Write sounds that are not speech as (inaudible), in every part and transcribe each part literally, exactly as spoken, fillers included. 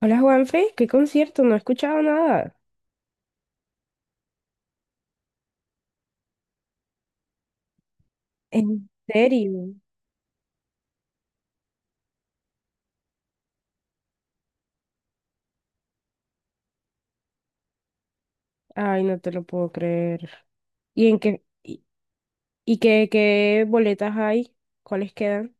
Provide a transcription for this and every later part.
Hola Juanfe, ¿qué concierto? No he escuchado nada. En- ¿serio? Ay, no te lo puedo creer. ¿Y en qué, y, y qué, qué boletas hay? ¿Cuáles quedan?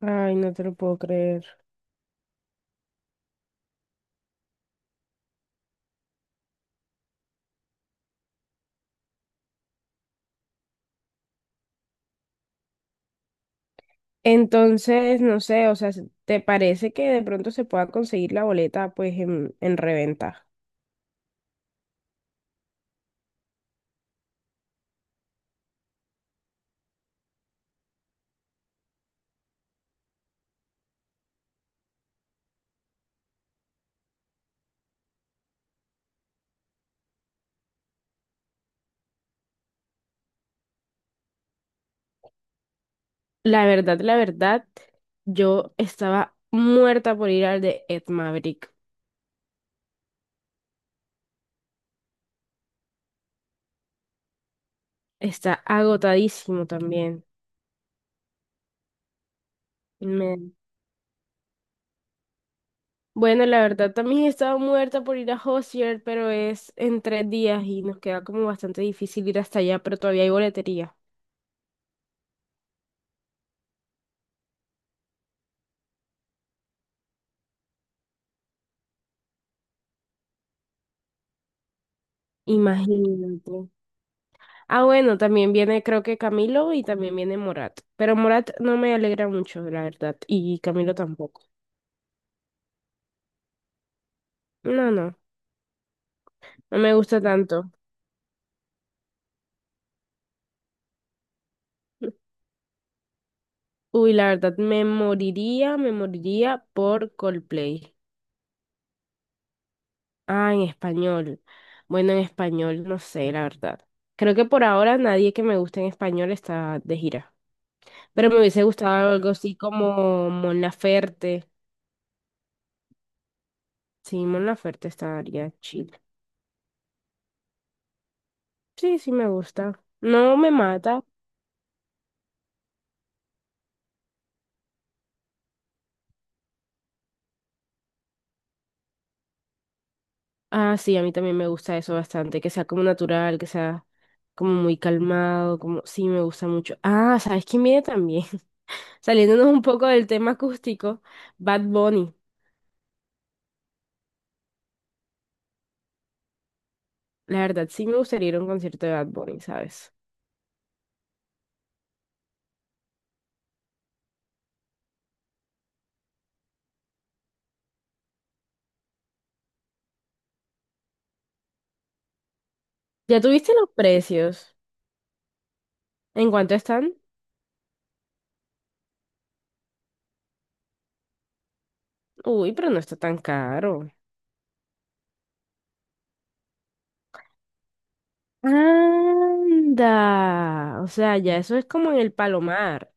Ay, no te lo puedo creer. Entonces, no sé, o sea, ¿te parece que de pronto se pueda conseguir la boleta pues en, en reventa? La verdad, la verdad, yo estaba muerta por ir al de Ed Maverick. Está agotadísimo también. Me- Bueno, la verdad, también estaba muerta por ir a Hozier, pero es en tres días y nos queda como bastante difícil ir hasta allá, pero todavía hay boletería. Imagínate. Ah, bueno, también viene creo que Camilo y también viene Morat. Pero Morat no me alegra mucho, la verdad, y Camilo tampoco. No, no, no me gusta tanto. Uy, la verdad, me moriría, me moriría por Coldplay. Ah, en español. Bueno, en español, no sé, la verdad. Creo que por ahora nadie que me guste en español está de gira. Pero me hubiese gustado algo así como Mon Laferte. Sí, Mon Laferte estaría chill. Sí, sí, me gusta. No me mata. Ah, sí, a mí también me gusta eso bastante. Que sea como natural, que sea como muy calmado, como... Sí, me gusta mucho. Ah, ¿sabes quién viene también? Saliéndonos un poco del tema acústico, Bad Bunny. La verdad, sí me gustaría ir a un concierto de Bad Bunny, ¿sabes? ¿Ya tuviste los precios? ¿En cuánto están? Uy, pero no está tan caro. Anda. O sea, ya eso es como en el Palomar.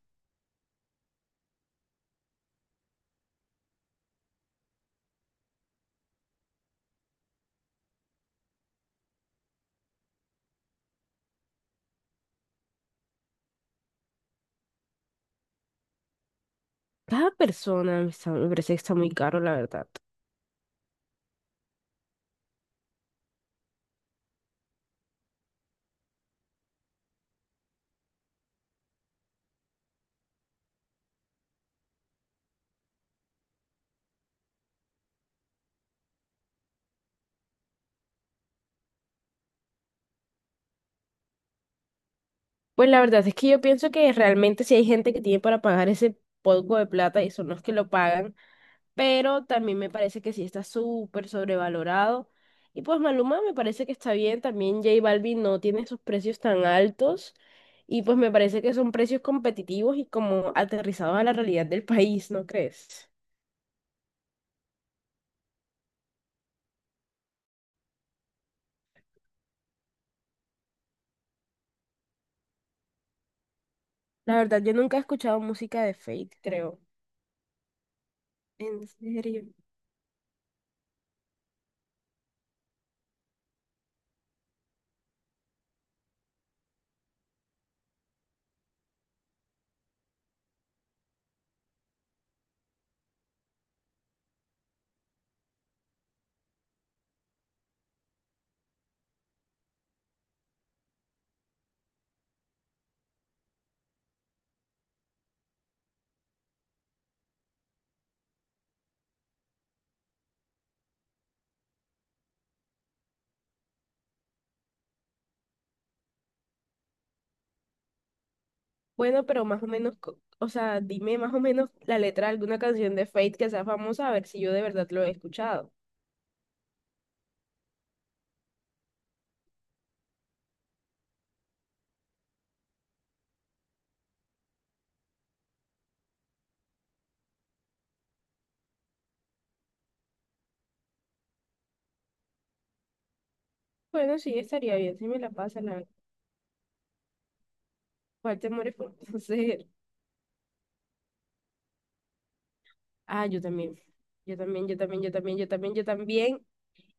Cada persona me, está- Me parece que está muy caro, la verdad. Pues la verdad es que yo pienso que realmente si hay gente que tiene para pagar ese poco de plata y son los que lo pagan, pero también me parece que sí está súper sobrevalorado. Y pues Maluma me parece que está bien, también J Balvin no tiene sus precios tan altos y pues me parece que son precios competitivos y como aterrizados a la realidad del país, ¿no crees? La verdad, yo nunca he escuchado música de Fate, creo. En serio. Bueno, pero más o menos, co- o sea, dime más o menos la letra de alguna canción de Fate que sea famosa, a ver si yo de verdad lo he escuchado. Bueno, sí, estaría bien si me la pasan, la verdad. ¿Cuál te mueres por (laughs) conocer? Ah, yo también. Yo también, yo también, yo también, yo también, yo también.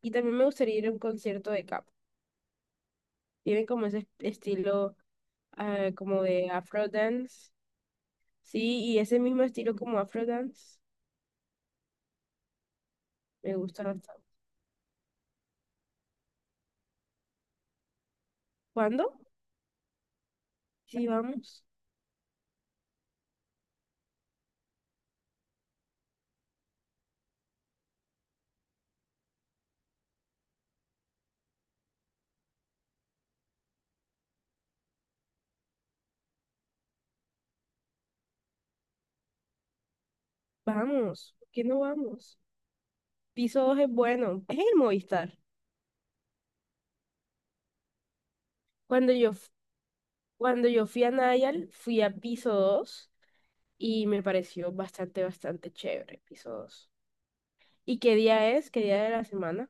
Y también me gustaría ir a un concierto de Cap. Tienen como ese est- estilo, ah, como de afro dance. Sí, y ese mismo estilo como afro dance. Me gusta bastante. ¿Cuándo? Sí, vamos. Vamos. ¿Por qué no vamos? Piso dos es bueno. Es el Movistar. Cuando yo, f- Cuando yo fui a Nayal, fui a Piso dos y me pareció bastante, bastante chévere Piso dos. ¿Y qué día es? ¿Qué día de la semana?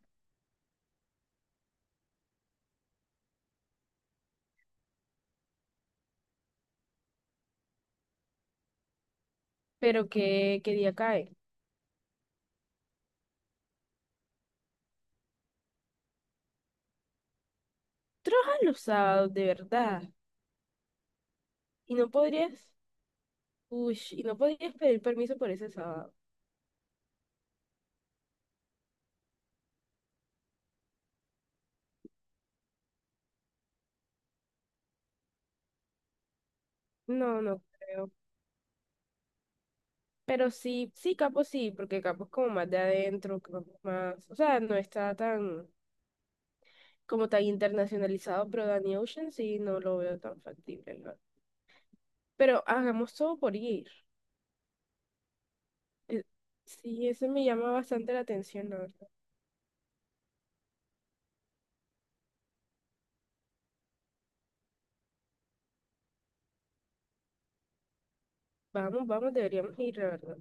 Pero qué, qué día cae. Trabajas los sábados, de verdad. Y no podrías, uy, y no podrías pedir permiso por ese sábado. No, no creo. Pero sí, sí, Capo sí, porque Capo es como más de adentro, como más, o sea, no está tan, como tan internacionalizado, pero Danny Ocean sí no lo veo tan factible, ¿no? Pero hagamos todo por ir. Eh, Sí, eso me llama bastante la atención, la verdad. Vamos, vamos, deberíamos ir, la verdad.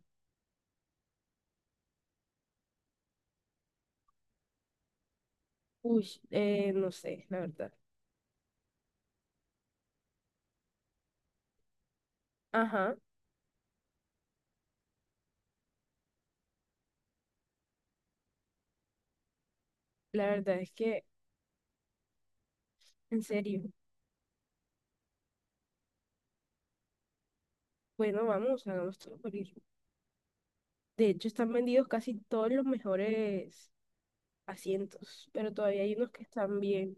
Uy, eh, no sé, la verdad. Ajá. La verdad es que, en serio, bueno, vamos, hagamos todo por ir. De hecho, están vendidos casi todos los mejores asientos, pero todavía hay unos que están bien.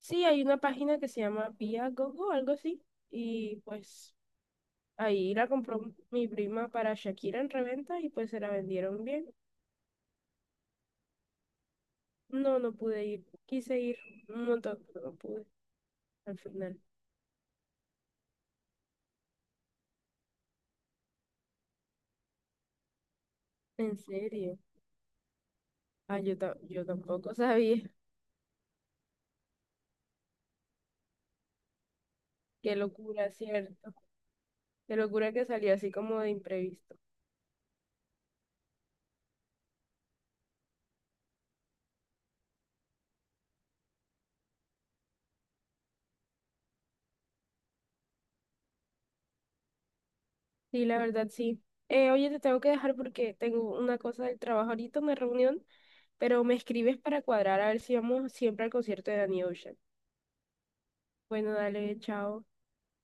Sí, hay una página que se llama Viagogo, algo así, y pues ahí la compró mi prima para Shakira en reventa y pues se la vendieron bien. No, no pude ir, quise ir un montón, pero no pude al final. En serio. Ah, yo, ta- yo tampoco sabía. Qué locura, ¿cierto? Qué locura que salió así como de imprevisto. Sí, la verdad, sí. Eh, oye, te tengo que dejar porque tengo una cosa del trabajo ahorita, una reunión, pero me escribes para cuadrar a ver si vamos siempre al concierto de Danny Ocean. Bueno, dale, chao.